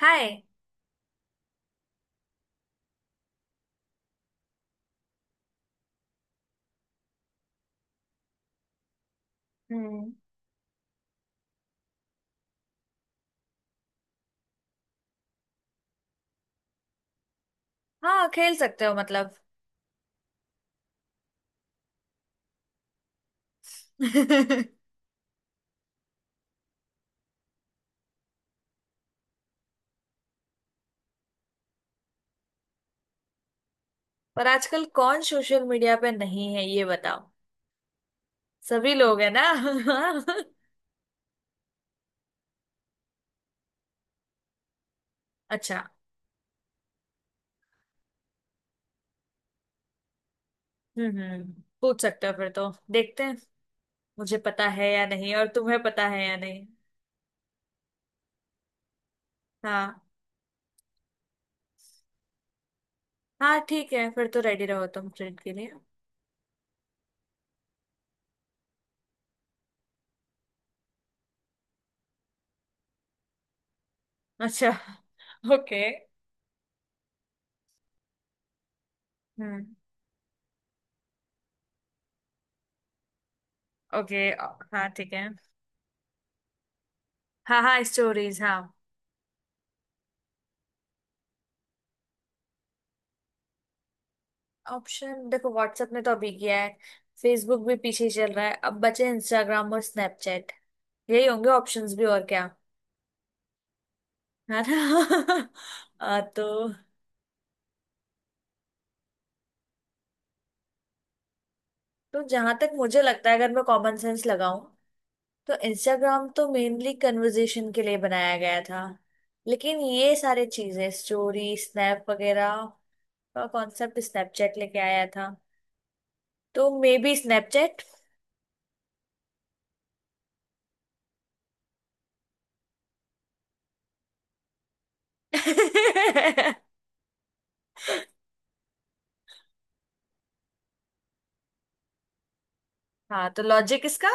हाय। हम्म। हाँ खेल सकते हो मतलब। पर आजकल कौन सोशल मीडिया पे नहीं है, ये बताओ? सभी लोग है ना? अच्छा। हम्म। पूछ सकते हो फिर, तो देखते हैं मुझे पता है या नहीं और तुम्हें पता है या नहीं। हाँ। हाँ ठीक है, फिर तो रेडी रहो तुम ट्रेन के लिए। अच्छा ओके। हम्म ओके। हाँ ठीक है। हाँ हाँ स्टोरीज हाँ। ऑप्शन देखो, व्हाट्सएप ने तो अभी किया है। फेसबुक भी पीछे ही चल रहा है, अब बचे इंस्टाग्राम और स्नैपचैट। यही होंगे ऑप्शंस भी, और क्या। है ना? आ, तो तो जहां तक मुझे लगता है, अगर मैं कॉमन सेंस लगाऊं तो इंस्टाग्राम तो मेनली कन्वर्जेशन के लिए बनाया गया था। लेकिन ये सारे चीजें स्टोरी स्नैप वगैरह का कॉन्सेप्ट स्नैपचैट लेके आया था। तो मे बी स्नैपचैट। हाँ, तो लॉजिक इसका।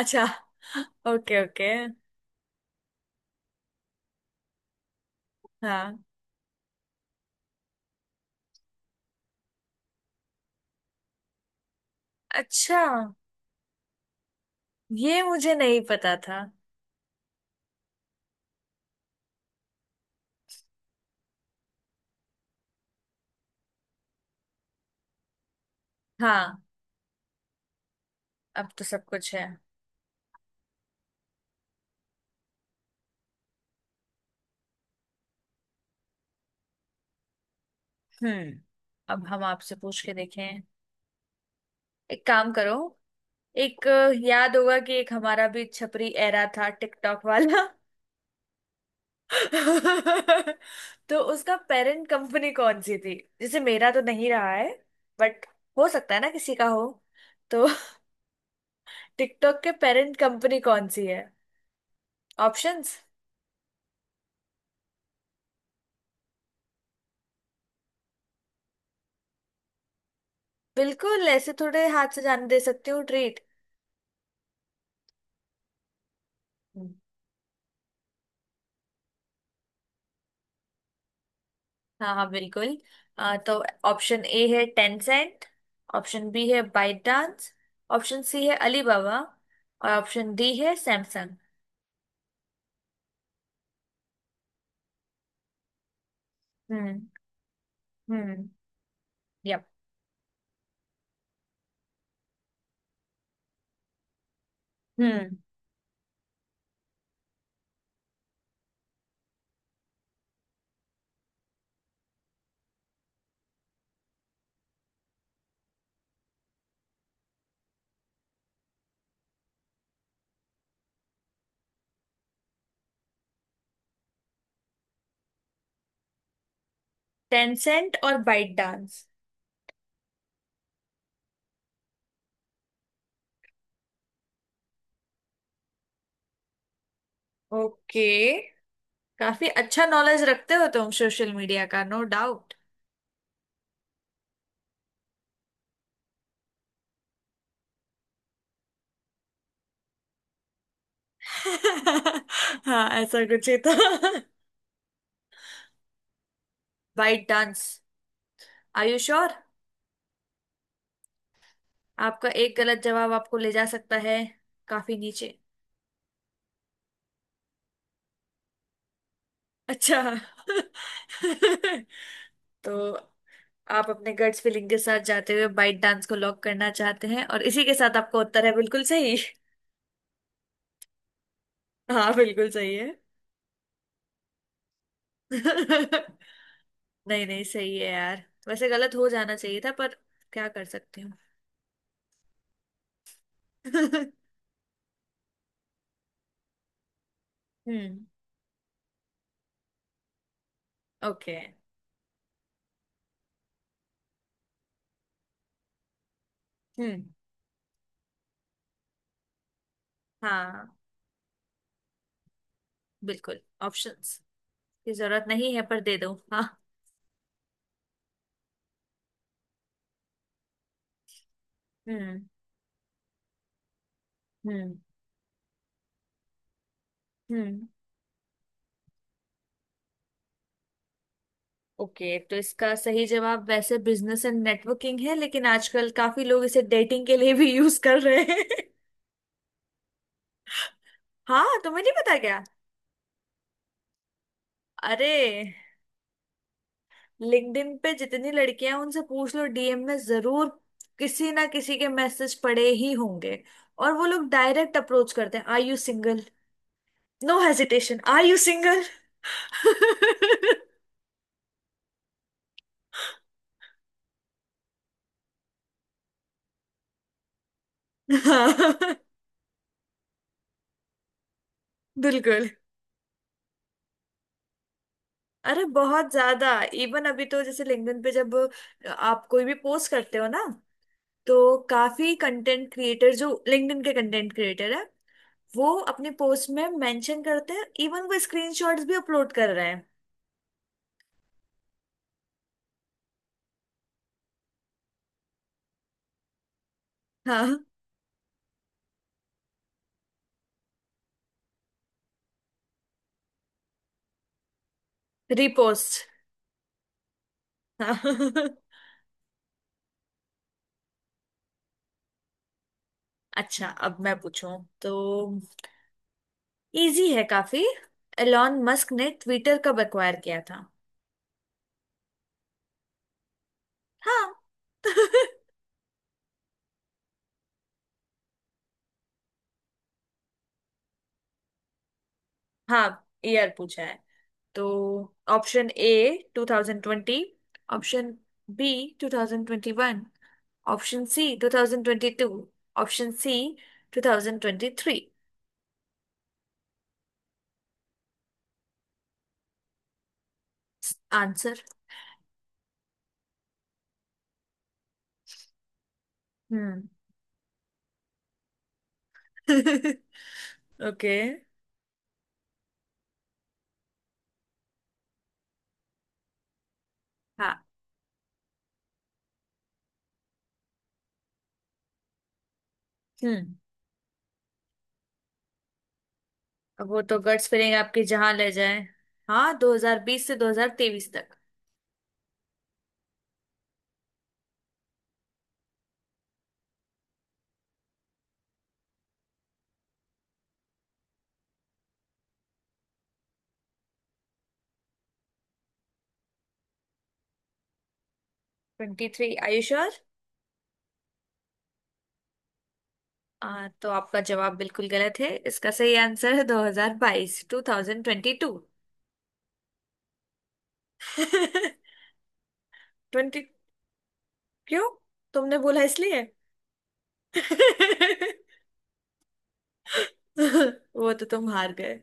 अच्छा। Okay okay. हाँ। अच्छा, ये मुझे नहीं पता था। हाँ। अब तो सब कुछ है। हम्म। अब हम आपसे पूछ के देखें। एक काम करो। एक याद होगा कि एक हमारा भी छपरी एरा था टिकटॉक वाला। तो उसका पेरेंट कंपनी कौन सी थी? जैसे मेरा तो नहीं रहा है, बट हो सकता है ना किसी का हो। तो टिकटॉक के पेरेंट कंपनी कौन सी है? ऑप्शंस। बिल्कुल ऐसे थोड़े हाथ से जाने दे सकती हूँ ट्रीट। हाँ हाँ बिल्कुल। तो ऑप्शन ए है टेंसेंट। ऑप्शन बी है बाइट डांस। ऑप्शन सी है अलीबाबा और ऑप्शन डी है सैमसंग। हम्म हम्म यप। हम्म। टेंसेंट और बाइट डांस। ओके। काफी अच्छा नॉलेज रखते हो तुम सोशल मीडिया का, नो डाउट। हाँ ऐसा कुछ ही था। ByteDance. Are you sure? आपका एक गलत जवाब आपको ले जा सकता है काफी नीचे। अच्छा। तो आप अपने गट्स फीलिंग के साथ जाते हुए बाइट डांस को लॉक करना चाहते हैं, और इसी के साथ आपका उत्तर है बिल्कुल सही। हाँ बिल्कुल सही है। नहीं नहीं, सही है यार, वैसे गलत हो जाना चाहिए था, पर क्या कर सकती हूँ। हम्म ओके। हम्म। हाँ बिल्कुल। ऑप्शंस की जरूरत नहीं है, पर दे दो हाँ। हम्म हम्म हम्म। ओके, तो इसका सही जवाब वैसे बिजनेस एंड नेटवर्किंग है, लेकिन आजकल काफी लोग इसे डेटिंग के लिए भी यूज कर रहे हैं। हाँ, तुम्हें नहीं पता क्या? अरे। लिंक्डइन पे जितनी लड़कियां हैं, उनसे पूछ लो, डीएम में जरूर किसी ना किसी के मैसेज पड़े ही होंगे। और वो लोग डायरेक्ट अप्रोच करते हैं, are you single. No hesitation, are you single. हाँ बिल्कुल। अरे बहुत ज्यादा, इवन अभी तो जैसे लिंक्डइन पे जब आप कोई भी पोस्ट करते हो ना, तो काफी कंटेंट क्रिएटर जो लिंक्डइन के कंटेंट क्रिएटर है, वो अपने पोस्ट में मेंशन करते हैं, इवन वो स्क्रीनशॉट्स भी अपलोड कर रहे हैं। हाँ। रिपोस्ट। हाँ अच्छा, अब मैं पूछूं तो इजी है काफी। एलॉन मस्क ने ट्विटर कब एक्वायर किया था? हाँ हाँ ईयर पूछा है। तो option A 2020, option B 2021, option C 2022, option C 2023। Answer. Hmm. Okay. हाँ। हम्म। अब वो तो गट्स फीलिंग आपकी जहां ले जाए। हाँ, 2020 से 2023 तक। 23, आर यू श्योर? तो आपका जवाब बिल्कुल गलत है, इसका सही आंसर है 2022, 2022, ट्वेंटी टू। ट्वेंटी क्यों? तुमने बोला इसलिए। वो तो तुम हार गए।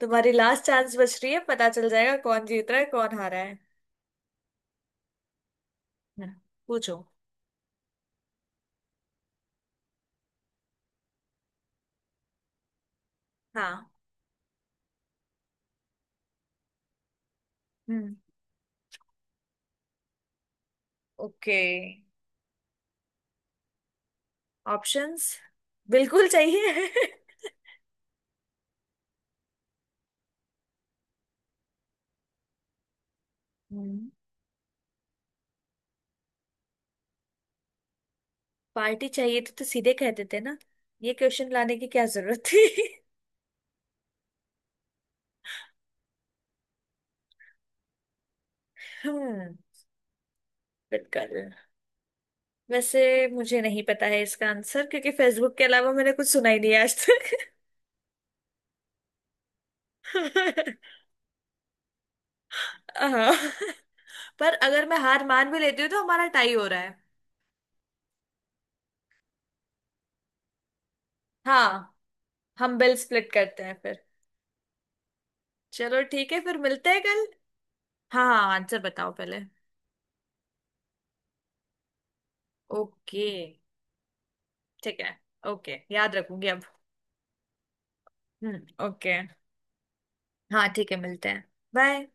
तुम्हारी लास्ट चांस बच रही है, पता चल जाएगा कौन जीत रहा है, कौन हारा है। हम्म, पूछो। हाँ। हम्म। ओके। ऑप्शंस। बिल्कुल चाहिए। हम्म। पार्टी चाहिए तो, सीधे कह देते ना। ये क्वेश्चन लाने की क्या जरूरत थी। हम्म बिल्कुल। वैसे मुझे नहीं पता है इसका आंसर, क्योंकि फेसबुक के अलावा मैंने कुछ सुना ही नहीं है आज तक। हाँ। पर अगर मैं हार मान भी लेती हूँ तो हमारा टाई हो रहा है। हाँ। हम बिल स्प्लिट करते हैं फिर। चलो ठीक है, फिर मिलते हैं कल। हाँ हाँ हाँ, आंसर बताओ पहले। ओके। ठीक है। ओके, याद रखूंगी अब। ओके। हाँ ठीक है, मिलते हैं। बाय।